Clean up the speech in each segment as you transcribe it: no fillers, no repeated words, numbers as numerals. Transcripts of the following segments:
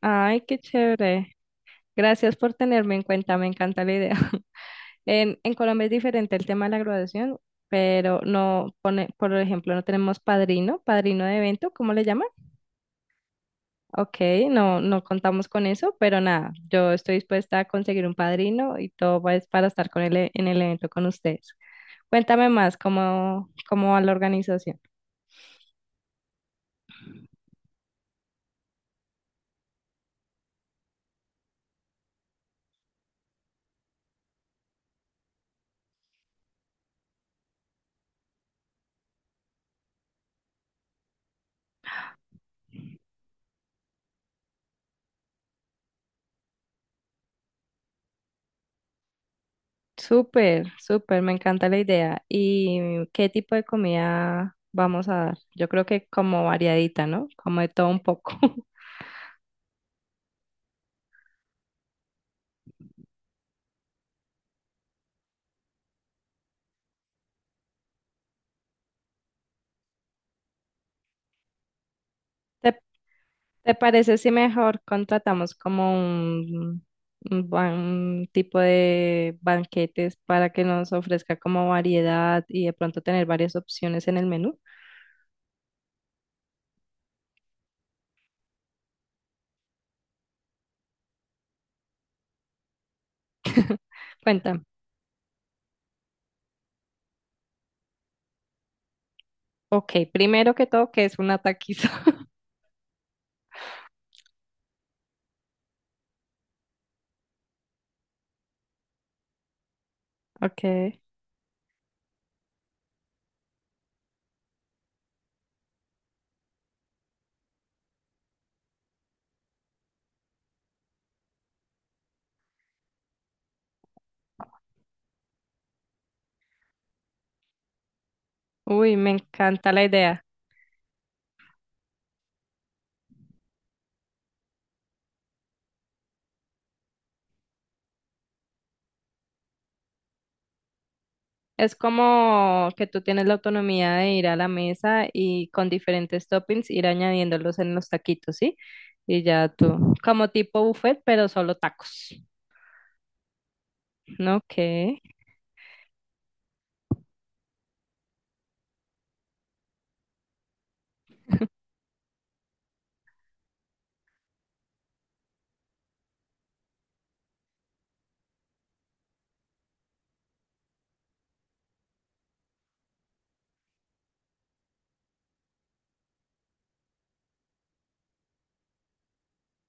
Ay, qué chévere. Gracias por tenerme en cuenta, me encanta la idea. En Colombia es diferente el tema de la graduación, pero no pone, por ejemplo, no tenemos padrino, padrino de evento, ¿cómo le llaman? Ok, no contamos con eso, pero nada, yo estoy dispuesta a conseguir un padrino y todo pues para estar con él en el evento con ustedes. Cuéntame más, ¿cómo va la organización? Súper, súper, me encanta la idea. ¿Y qué tipo de comida vamos a dar? Yo creo que como variadita, ¿no? Como de todo un poco. ¿Te, te parece si mejor contratamos como un, un tipo de banquetes para que nos ofrezca como variedad y de pronto tener varias opciones en el menú? Cuéntame. Ok, primero que todo, ¿que es una taquiza? Ok. Uy, me encanta la idea. Es como que tú tienes la autonomía de ir a la mesa y con diferentes toppings ir añadiéndolos en los taquitos, ¿sí? Y ya tú, como tipo buffet, pero solo tacos. No,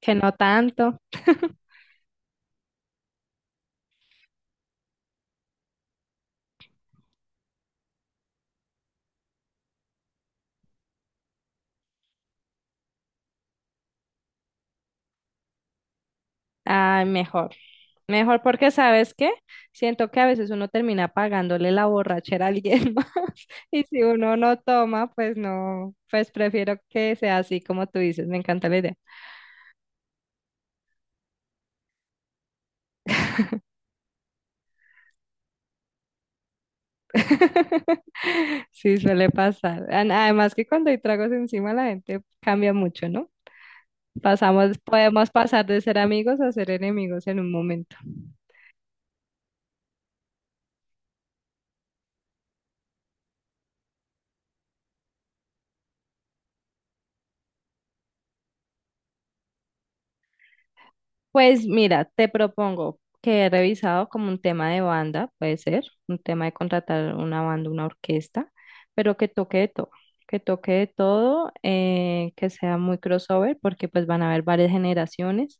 que no tanto. Ay, mejor. Mejor porque, ¿sabes qué? Siento que a veces uno termina pagándole la borrachera a alguien más, y si uno no toma, pues no, pues prefiero que sea así como tú dices, me encanta la idea. Sí, suele pasar. Además, que cuando hay tragos encima la gente cambia mucho, ¿no? Pasamos, podemos pasar de ser amigos a ser enemigos en un momento. Pues mira, te propongo que he revisado como un tema de banda, puede ser, un tema de contratar una banda, una orquesta, pero que toque de todo, que toque de todo, que sea muy crossover, porque pues van a haber varias generaciones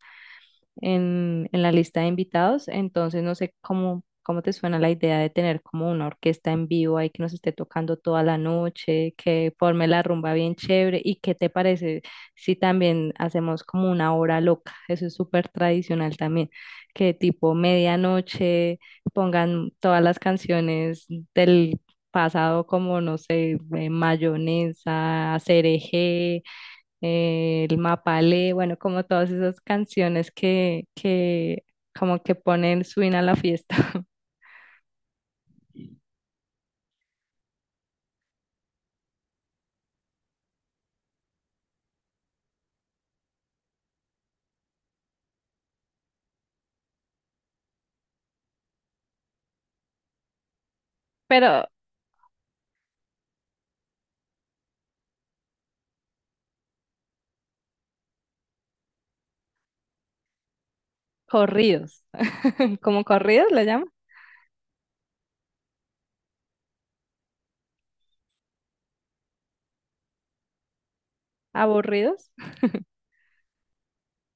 en la lista de invitados, entonces no sé cómo te suena la idea de tener como una orquesta en vivo ahí que nos esté tocando toda la noche, que forme la rumba bien chévere, ¿y qué te parece? Sí, también hacemos como una hora loca, eso es súper tradicional también, que tipo medianoche pongan todas las canciones del pasado como, no sé, Mayonesa, Cereje, El Mapalé, bueno, como todas esas canciones que como que ponen swing a la fiesta. ¿Pero corridos, como corridos le llaman? ¿Aburridos?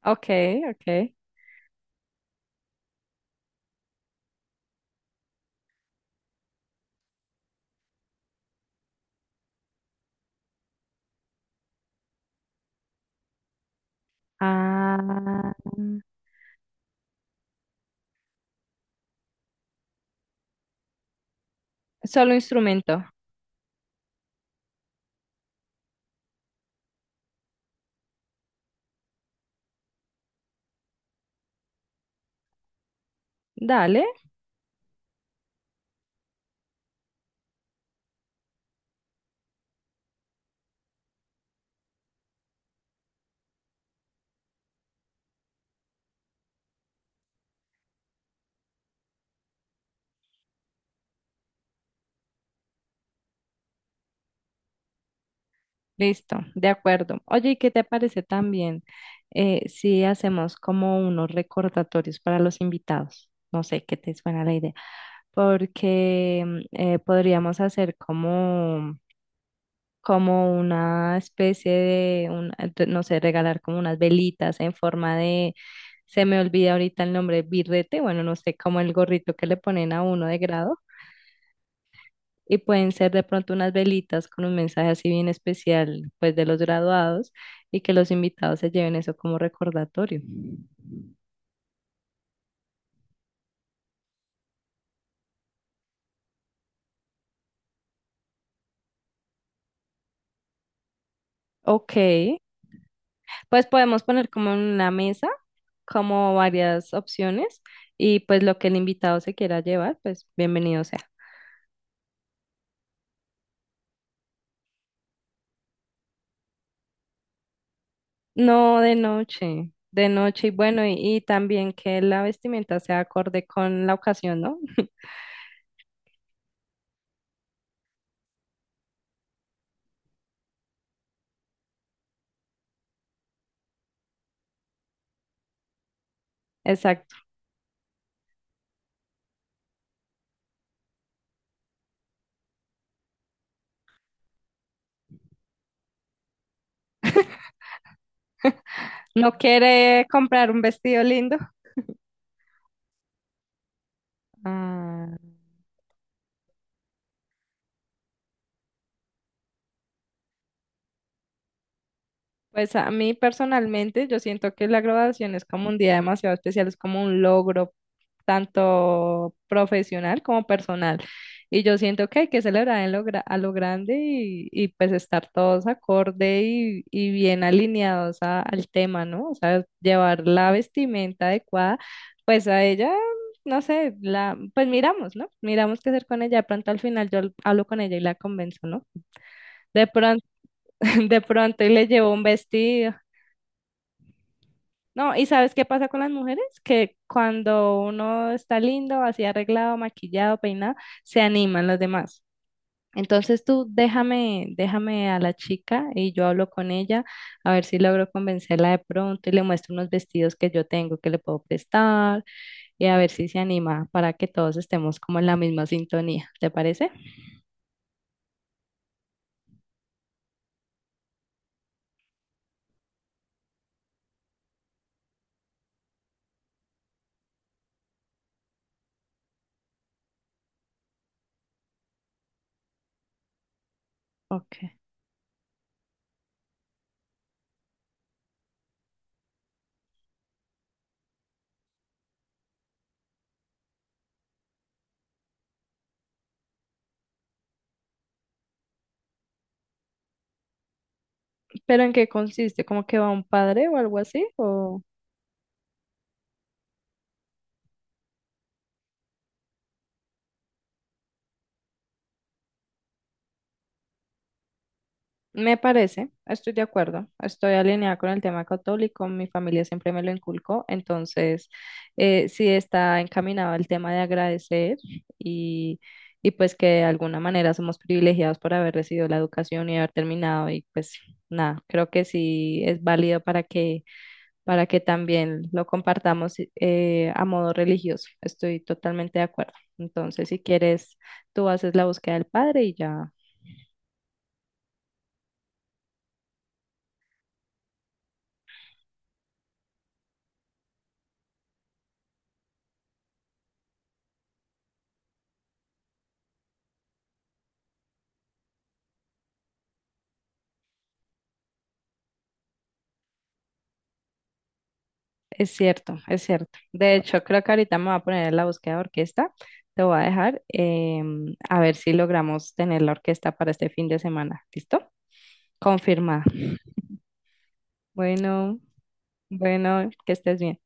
Ok, ok. Ah. Solo instrumento. Dale, listo, de acuerdo. Oye, ¿y qué te parece también si hacemos como unos recordatorios para los invitados? No sé qué te suena la idea, porque podríamos hacer como, como una especie de, no sé, regalar como unas velitas en forma de, se me olvida ahorita el nombre, birrete, bueno, no sé, como el gorrito que le ponen a uno de grado. Y pueden ser de pronto unas velitas con un mensaje así bien especial, pues de los graduados, y que los invitados se lleven eso como recordatorio. Ok, pues podemos poner como en una mesa, como varias opciones, y pues lo que el invitado se quiera llevar, pues bienvenido sea. No, de noche, de noche. Y bueno, y también que la vestimenta sea acorde con la ocasión, ¿no? Exacto. No quiere comprar un vestido lindo. Ah. Pues a mí personalmente yo siento que la graduación es como un día demasiado especial, es como un logro tanto profesional como personal. Y yo siento que hay que celebrar en a lo grande, y pues estar todos acorde y bien alineados al tema, ¿no? O sea, llevar la vestimenta adecuada, pues a ella, no sé, la, pues miramos, ¿no? Miramos qué hacer con ella. De pronto al final yo hablo con ella y la convenzo, ¿no? De pronto, de pronto y le llevo un vestido. No, ¿y sabes qué pasa con las mujeres? Que cuando uno está lindo, así arreglado, maquillado, peinado, se animan los demás. Entonces tú déjame, déjame a la chica y yo hablo con ella a ver si logro convencerla de pronto y le muestro unos vestidos que yo tengo que le puedo prestar, y a ver si se anima para que todos estemos como en la misma sintonía. ¿Te parece? Ok. ¿Pero en qué consiste? ¿Como que va un padre o algo así? ¿O? Me parece, estoy de acuerdo, estoy alineada con el tema católico, mi familia siempre me lo inculcó, entonces sí está encaminado al tema de agradecer, y, y pues que de alguna manera somos privilegiados por haber recibido la educación y haber terminado, y pues nada, creo que sí es válido para que también lo compartamos a modo religioso, estoy totalmente de acuerdo. Entonces, si quieres, tú haces la búsqueda del padre y ya. Es cierto, es cierto. De hecho, creo que ahorita me voy a poner en la búsqueda de orquesta. Te voy a dejar a ver si logramos tener la orquesta para este fin de semana. ¿Listo? Confirmada. Bueno, bueno, que estés bien.